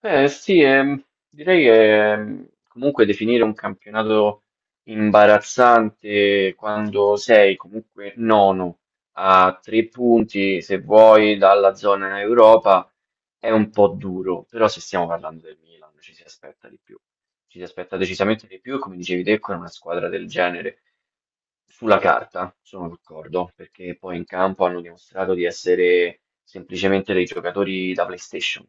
Sì, direi che comunque definire un campionato imbarazzante quando sei comunque nono a 3 punti, se vuoi, dalla zona Europa è un po' duro, però se stiamo parlando del Milan ci si aspetta di più, ci si aspetta decisamente di più e come dicevi te con una squadra del genere sulla carta sono d'accordo, perché poi in campo hanno dimostrato di essere semplicemente dei giocatori da PlayStation.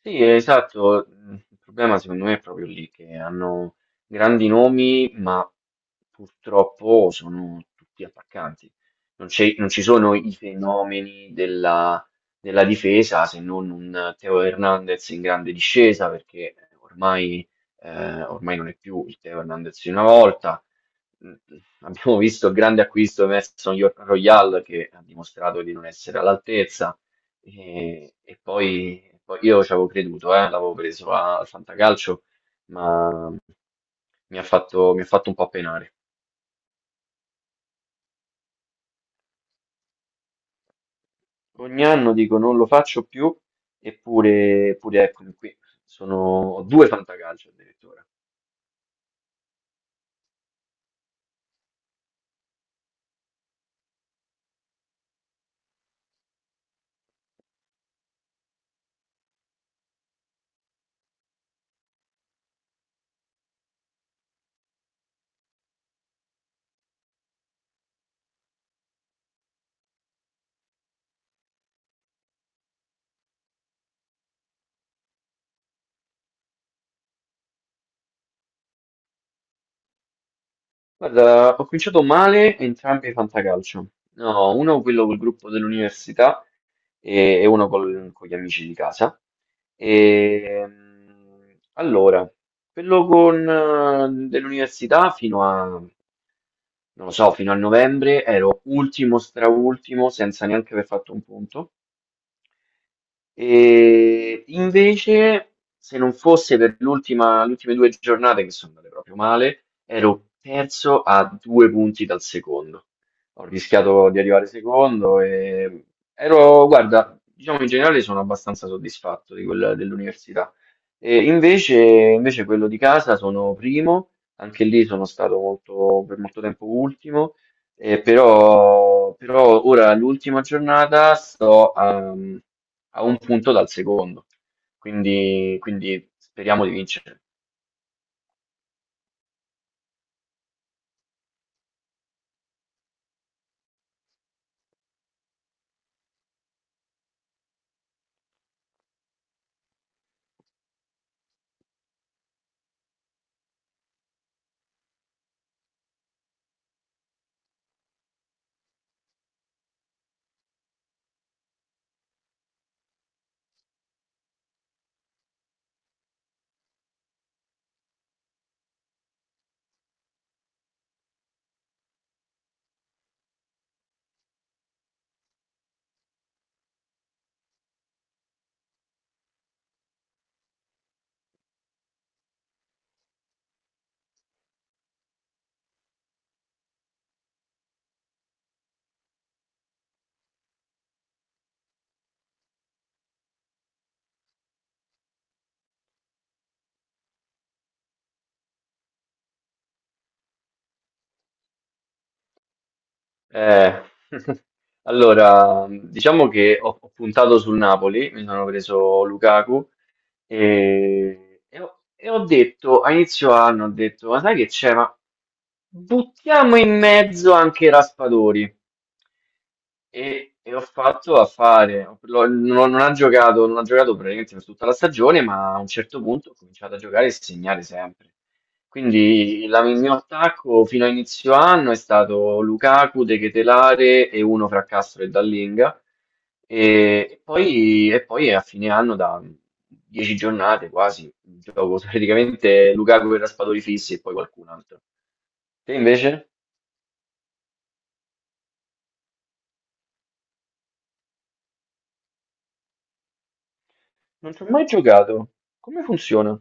Sì, esatto. Il problema secondo me è proprio lì che hanno grandi nomi, ma purtroppo sono tutti attaccanti. Non ci sono i fenomeni della difesa se non un Teo Hernandez in grande discesa, perché ormai, ormai non è più il Teo Hernandez di una volta. Mm, Abbiamo visto il grande acquisto di Emerson Royal che ha dimostrato di non essere all'altezza. E poi io ci avevo creduto, l'avevo preso a al Fantacalcio, ma mi ha fatto un po' penare. Ogni anno dico non lo faccio più, eppure eccomi qui. Sono Ho due Fantacalcio addirittura. Guarda, ho cominciato male entrambi i Fantacalcio. No, uno quello col gruppo dell'università, e uno con gli amici di casa. Allora, quello con, dell'università non lo so, fino a novembre ero ultimo, straultimo, senza neanche aver fatto un punto. E invece, se non fosse per l'ultima, le ultime 2 giornate che sono andate proprio male, ero terzo a 2 punti dal secondo. Ho rischiato di arrivare secondo guarda, diciamo in generale sono abbastanza soddisfatto di quella dell'università. E invece quello di casa sono primo, anche lì sono stato per molto tempo ultimo. Però però, ora l'ultima giornata sto a un punto dal secondo, quindi speriamo di vincere. Eh, allora, diciamo che ho puntato sul Napoli, mi sono preso Lukaku e ho detto, a inizio anno ho detto, ma sai che c'è? Ma buttiamo in mezzo anche Raspadori. E ho fatto a fare, lo- Non ha giocato praticamente per tutta la stagione, ma a un certo punto ha cominciato a giocare e segnare sempre. Quindi il mio attacco fino a inizio anno è stato Lukaku, De Ketelare e uno fra Castro e Dallinga. E, e poi a fine anno, da 10 giornate quasi, gioco praticamente Lukaku e Raspadori fissi e poi qualcun altro. Te invece? Non ci ho mai giocato. Come funziona?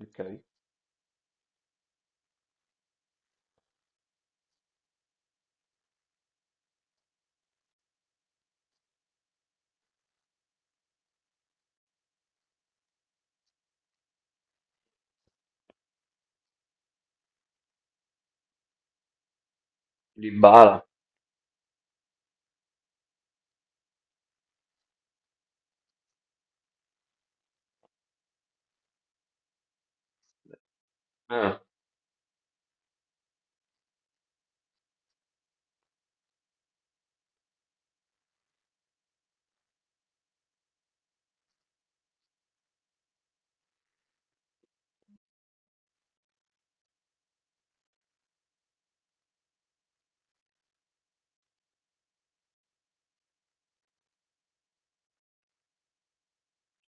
Ok. Dybala. Ah,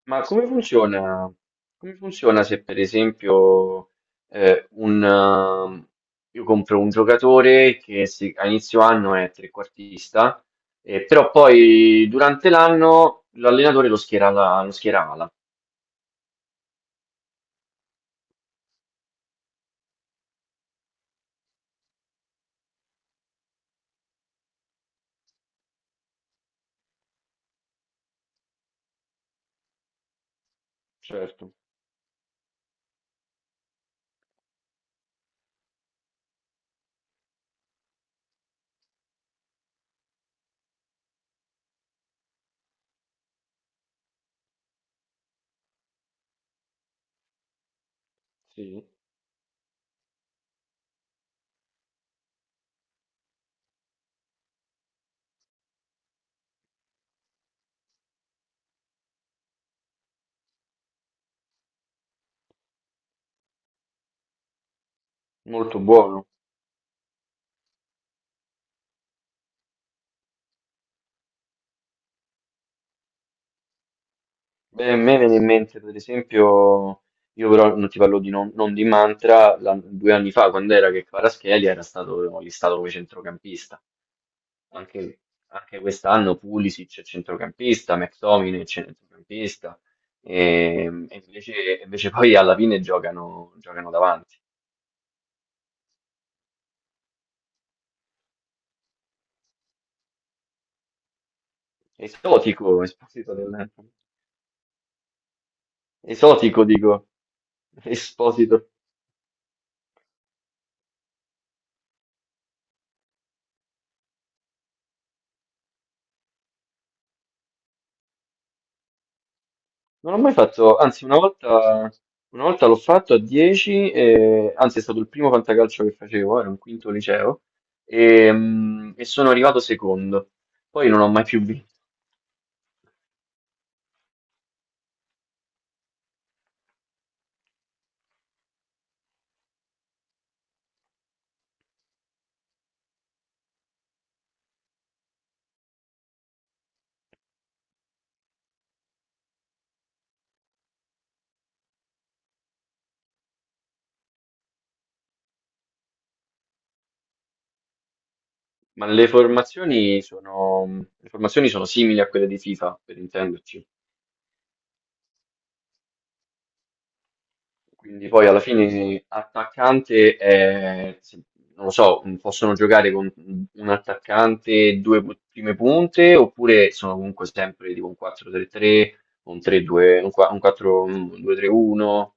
ma come funziona? Come funziona se per esempio eh, un, ehm, io compro un giocatore a inizio anno è trequartista, però poi durante l'anno l'allenatore lo schiera, lo schiera ala. Certo, sì, molto buono. Beh, a me viene in mente per esempio, io però non ti parlo di non, non di Mantra, 2 anni fa quando era che Kvaratskhelia era stato listato come centrocampista. Anche anche quest'anno Pulisic è centrocampista, McTominay è centrocampista, e invece poi alla fine giocano davanti. Esotico, Esposito del. Esotico dico, Esposito. Non ho mai fatto, anzi una volta l'ho fatto a 10, anzi è stato il primo fantacalcio che facevo, era un quinto liceo, e sono arrivato secondo. Poi non ho mai più vinto. Ma le formazioni sono simili a quelle di FIFA, per intenderci. Quindi poi alla fine attaccante è, non lo so, possono giocare con un attaccante e due prime punte, oppure sono comunque sempre tipo un 4-3-3, un 3-2, un 4-2-3-1.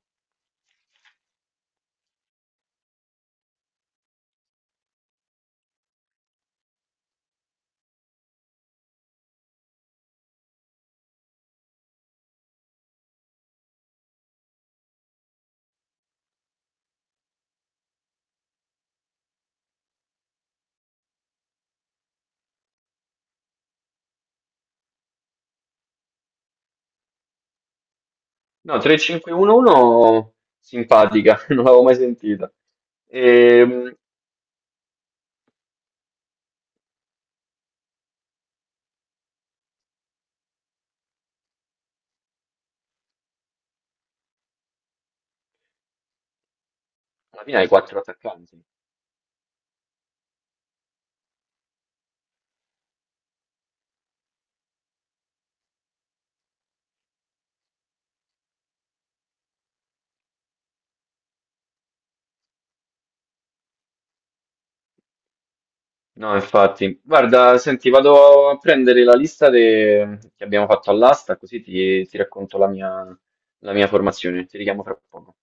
No, 3-5-1-1 simpatica, non l'avevo mai sentita. Ehm, Alla fine hai quattro attaccanti. No, infatti, guarda, senti, vado a prendere la lista che abbiamo fatto all'asta, così ti racconto la mia formazione. Ti richiamo fra poco.